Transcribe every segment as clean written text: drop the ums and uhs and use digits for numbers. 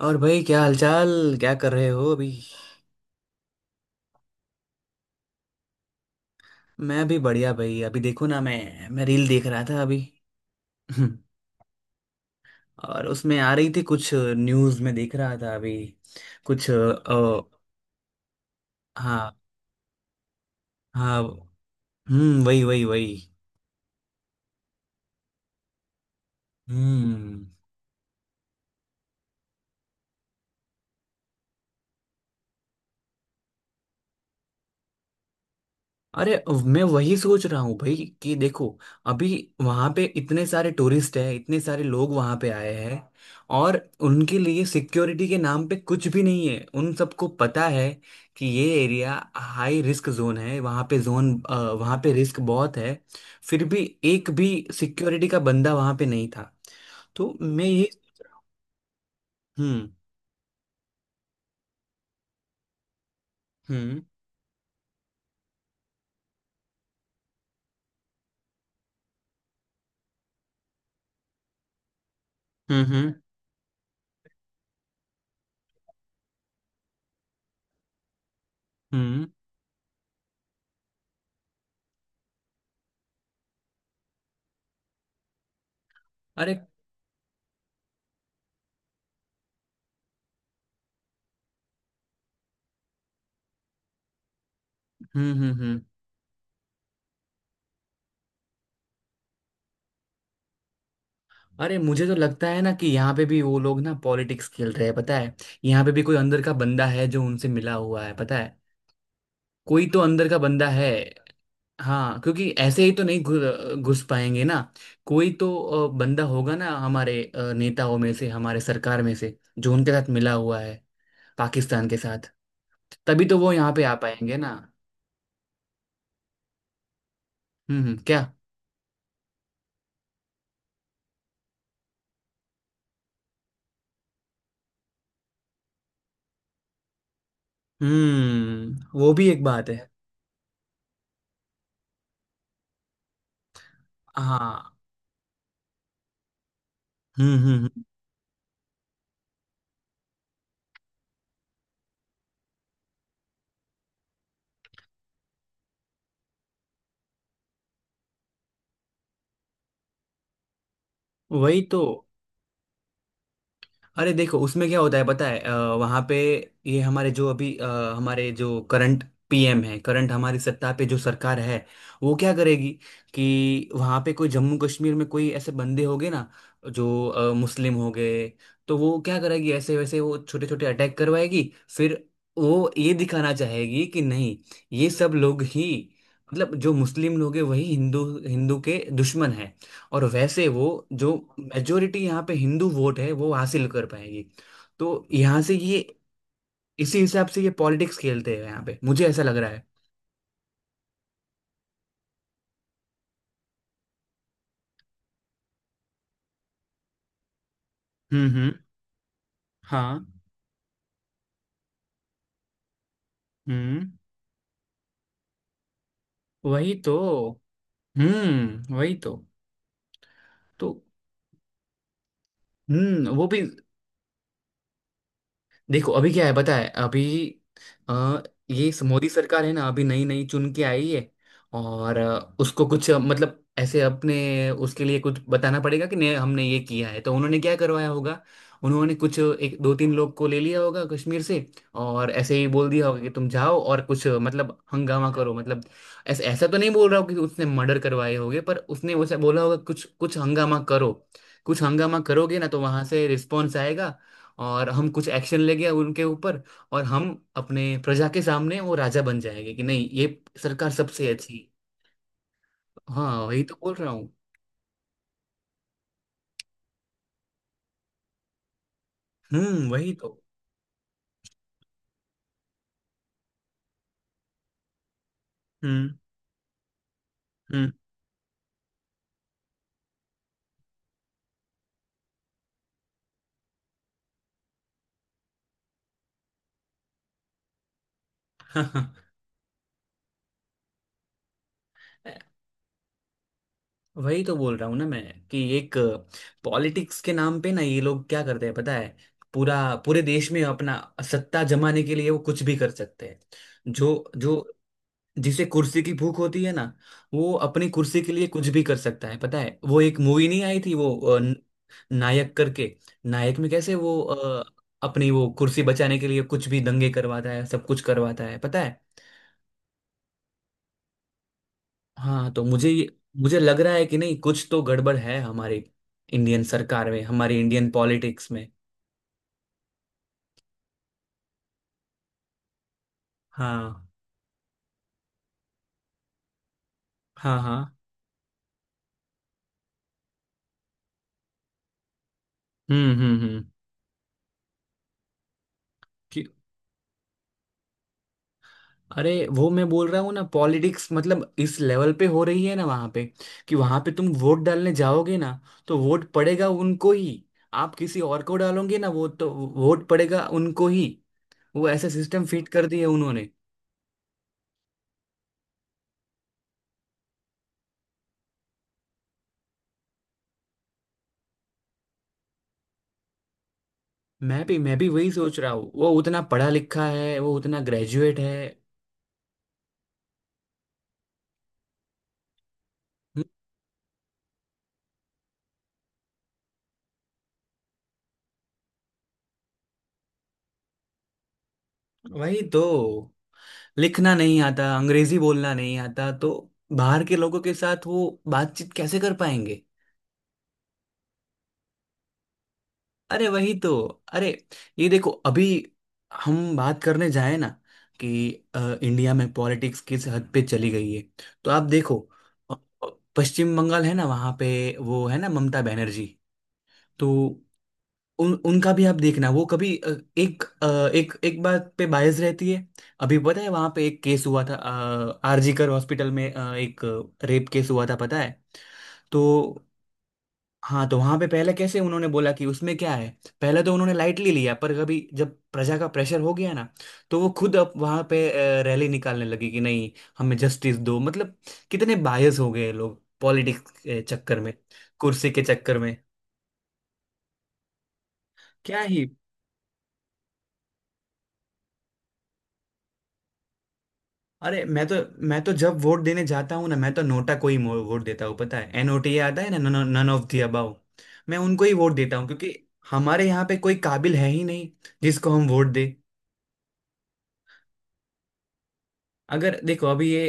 और भाई क्या हालचाल? क्या कर रहे हो अभी? मैं भी बढ़िया भाई। अभी देखो ना, मैं रील देख रहा था अभी। और उसमें आ रही थी, कुछ न्यूज़ में देख रहा था अभी। कुछ हाँ हाँ। हम्म, वही वही वही। हम्म। अरे मैं वही सोच रहा हूँ भाई, कि देखो, अभी वहां पे इतने सारे टूरिस्ट हैं, इतने सारे लोग वहां पे आए हैं। और उनके लिए सिक्योरिटी के नाम पे कुछ भी नहीं है। उन सबको पता है कि ये एरिया हाई रिस्क जोन है। वहां पे जोन वहां पे रिस्क बहुत है। फिर भी एक भी सिक्योरिटी का बंदा वहां पे नहीं था। तो मैं ये। हम्म। हम्म हम्म हम्म हम्म, अरे। हम्म हम्म हम्म अरे मुझे तो लगता है ना, कि यहाँ पे भी वो लोग ना पॉलिटिक्स खेल रहे हैं पता है। यहाँ पे भी कोई अंदर का बंदा है जो उनसे मिला हुआ है पता है। कोई तो अंदर का बंदा है। हाँ, क्योंकि ऐसे ही तो नहीं घुस पाएंगे ना। कोई तो बंदा होगा ना, हमारे नेताओं में से, हमारे सरकार में से, जो उनके साथ मिला हुआ है, पाकिस्तान के साथ। तभी तो वो यहाँ पे आ पाएंगे ना। क्या? हम्म, वो भी एक बात है। हाँ। हम्म हम्म हम्म, वही तो। अरे देखो उसमें क्या होता है पता है। वहाँ पे ये हमारे जो अभी हमारे जो करंट पीएम है, करंट हमारी सत्ता पे जो सरकार है, वो क्या करेगी। कि वहाँ पे कोई जम्मू कश्मीर में कोई ऐसे बंदे होंगे ना, जो मुस्लिम हो गए, तो वो क्या करेगी, ऐसे वैसे वो छोटे छोटे अटैक करवाएगी। फिर वो ये दिखाना चाहेगी कि नहीं, ये सब लोग ही, मतलब जो मुस्लिम लोग हैं, वही हिंदू हिंदू के दुश्मन है। और वैसे वो जो मेजोरिटी यहाँ पे हिंदू वोट है वो हासिल कर पाएगी। तो यहाँ से ये, इसी हिसाब से ये पॉलिटिक्स खेलते हैं यहाँ पे, मुझे ऐसा लग रहा है। हम्म। हाँ। हम्म, वही तो। हम्म, वही तो। तो हम्म, वो भी। देखो अभी क्या है पता है। अभी अ, ये मोदी सरकार है ना, अभी नई नई चुन के आई है। और उसको कुछ मतलब ऐसे अपने उसके लिए कुछ बताना पड़ेगा कि हमने ये किया है। तो उन्होंने क्या करवाया होगा, उन्होंने कुछ 1 2 3 लोग को ले लिया होगा कश्मीर से, और ऐसे ही बोल दिया होगा कि तुम जाओ और कुछ मतलब हंगामा करो, मतलब ऐसा ऐसा तो नहीं बोल रहा हूँ कि उसने मर्डर करवाए होंगे, पर उसने वैसे बोला होगा कुछ कुछ हंगामा करो। कुछ हंगामा करोगे ना तो वहां से रिस्पॉन्स आएगा, और हम कुछ एक्शन लेंगे उनके ऊपर। और हम अपने प्रजा के सामने वो राजा बन जाएंगे कि नहीं ये सरकार सबसे अच्छी। हाँ वही तो बोल रहा हूँ। हम्म, वही तो। हम्म हम्म। वही तो बोल रहा हूँ ना मैं, कि एक पॉलिटिक्स के नाम पे ना ये लोग क्या करते हैं पता है। पूरा, पूरे देश में अपना सत्ता जमाने के लिए वो कुछ भी कर सकते हैं। जो जो जिसे कुर्सी की भूख होती है ना, वो अपनी कुर्सी के लिए कुछ भी कर सकता है पता है। वो एक मूवी नहीं आई थी, वो नायक करके। नायक में कैसे वो अपनी वो कुर्सी बचाने के लिए कुछ भी दंगे करवाता है, सब कुछ करवाता है पता है। हाँ तो मुझे ये- मुझे लग रहा है कि नहीं कुछ तो गड़बड़ है हमारी इंडियन सरकार में, हमारी इंडियन पॉलिटिक्स में। हाँ हाँ हाँ। हम्म हम्म हम्म कि अरे वो मैं बोल रहा हूँ ना पॉलिटिक्स मतलब इस लेवल पे हो रही है ना वहां पे। कि वहां पे तुम वोट डालने जाओगे ना, तो वोट पड़ेगा उनको ही। आप किसी और को डालोगे ना, वो तो वोट पड़ेगा उनको ही। वो ऐसा सिस्टम फिट कर दिया उन्होंने। मैं भी वही सोच रहा हूँ, वो उतना पढ़ा लिखा है, वो उतना ग्रेजुएट है। हम्म, वही तो, लिखना नहीं आता, अंग्रेजी बोलना नहीं आता, तो बाहर के लोगों के साथ वो बातचीत कैसे कर पाएंगे? अरे वही तो। अरे ये देखो अभी, हम बात करने जाए ना कि इंडिया में पॉलिटिक्स किस हद पे चली गई है, तो आप देखो अ, पश्चिम बंगाल है ना वहाँ पे, वो है ना ममता बनर्जी। तो उन उनका भी आप देखना वो कभी एक एक एक बात पे बायस रहती है। अभी पता है वहाँ पे एक केस हुआ था, आरजीकर हॉस्पिटल में एक रेप केस हुआ था पता है। तो हाँ, तो वहां पे पहले कैसे उन्होंने बोला कि उसमें क्या है, पहले तो उन्होंने लाइटली लिया, पर कभी जब प्रजा का प्रेशर हो गया ना, तो वो खुद अब वहां पे रैली निकालने लगी कि नहीं हमें जस्टिस दो। मतलब कितने बायस हो गए लोग पॉलिटिक्स के चक्कर में, कुर्सी के चक्कर में। क्या ही। अरे मैं तो जब वोट देने जाता हूँ ना, मैं तो नोटा को ही वोट देता हूँ पता है। एनओटीए आता है ना, नन ऑफ दी अबाव। मैं उनको ही वोट देता हूँ, क्योंकि हमारे यहाँ पे कोई काबिल है ही नहीं जिसको हम वोट दे। अगर देखो अभी ये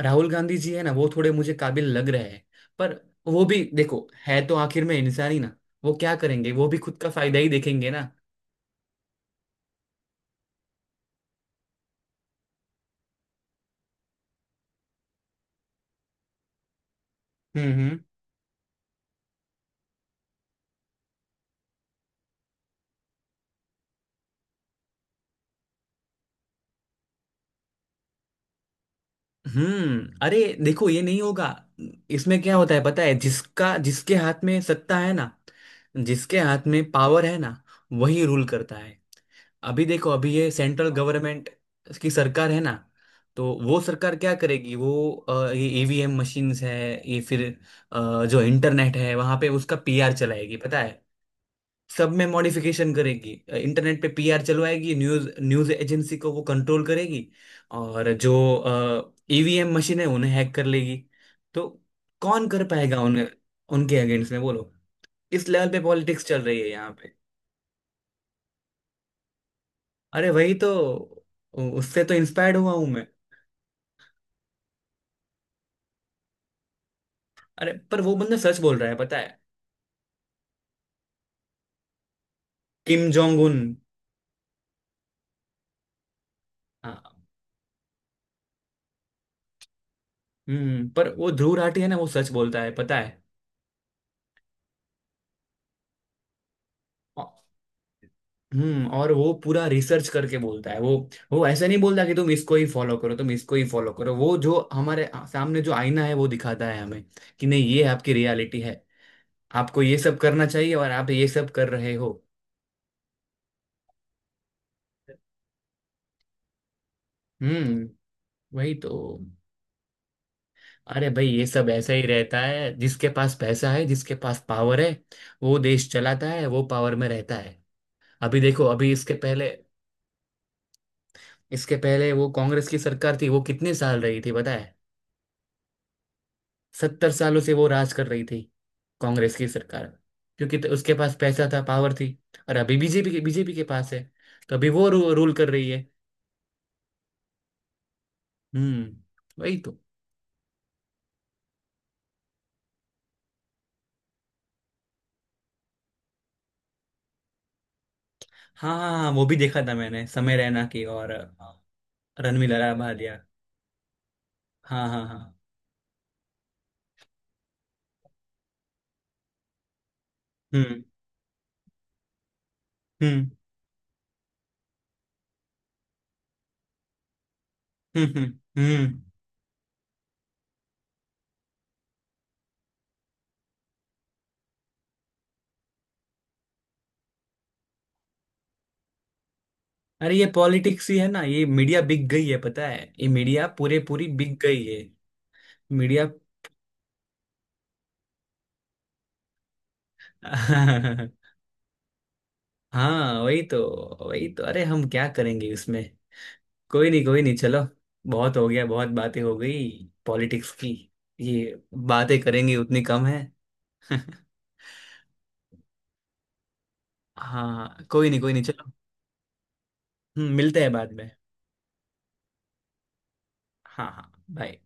राहुल गांधी जी है ना, वो थोड़े मुझे काबिल लग रहे हैं। पर वो भी देखो है तो आखिर में इंसान ही ना, वो क्या करेंगे, वो भी खुद का फायदा ही देखेंगे ना। हम्म हम्म हम्म। अरे देखो ये नहीं होगा। इसमें क्या होता है पता है, जिसका जिसके हाथ में सत्ता है ना, जिसके हाथ में पावर है ना, वही रूल करता है। अभी देखो, अभी ये सेंट्रल गवर्नमेंट की सरकार है ना, तो वो सरकार क्या करेगी, वो ये ईवीएम मशीन्स है, ये फिर जो इंटरनेट है वहां पे उसका पीआर चलाएगी पता है। सब में मॉडिफिकेशन करेगी, इंटरनेट पे पीआर चलवाएगी, न्यूज न्यूज एजेंसी को वो कंट्रोल करेगी। और जो ईवीएम मशीन है उन्हें हैक कर लेगी। तो कौन कर पाएगा उन्हें, उनके अगेंस्ट में बोलो। इस लेवल पे पॉलिटिक्स चल रही है यहाँ पे। अरे वही तो। उससे तो इंस्पायर्ड हुआ हूं मैं। अरे पर वो बंदा सच बोल रहा है पता है। Kim Jong Un. हाँ। हम्म, पर वो ध्रुव राठी है ना, वो सच बोलता है पता है। औ- हम्म, और वो पूरा रिसर्च करके बोलता है। वो ऐसे नहीं बोलता कि तुम इसको ही फॉलो करो, तुम इसको ही फॉलो करो। वो जो हमारे सामने जो आईना है वो दिखाता है हमें, कि नहीं ये आपकी रियलिटी है, आपको ये सब करना चाहिए और आप ये सब कर रहे हो। हम्म, वही तो। अरे भाई ये सब ऐसा ही रहता है, जिसके पास पैसा है, जिसके पास पावर है, वो देश चलाता है, वो पावर में रहता है। अभी देखो अभी इसके पहले, इसके पहले वो कांग्रेस की सरकार थी, वो कितने साल रही थी पता है। 70 सालों से वो राज कर रही थी, कांग्रेस की सरकार। क्योंकि उसके पास पैसा था, पावर थी। और अभी बीजेपी के पास है, तो अभी वो रूल कर रही है। हम्म, वही तो। हाँ हाँ हाँ, वो भी देखा था मैंने, समय रैना की और रणवीर भालिया। हाँ हाँ हाँ। हम्म हम्म हम्म। हम्म। हम्म। अरे ये पॉलिटिक्स ही है ना, ये मीडिया बिक गई है पता है, ये मीडिया पूरे पूरी बिक गई है। मीडिया। हाँ वही तो। वही तो, अरे हम क्या करेंगे उसमें। कोई नहीं, कोई नहीं, चलो। बहुत हो गया, बहुत बातें हो गई पॉलिटिक्स की। ये बातें करेंगे उतनी कम है। हाँ, कोई नहीं कोई नहीं, चलो। मिलते हैं बाद में। हाँ हाँ, बाय।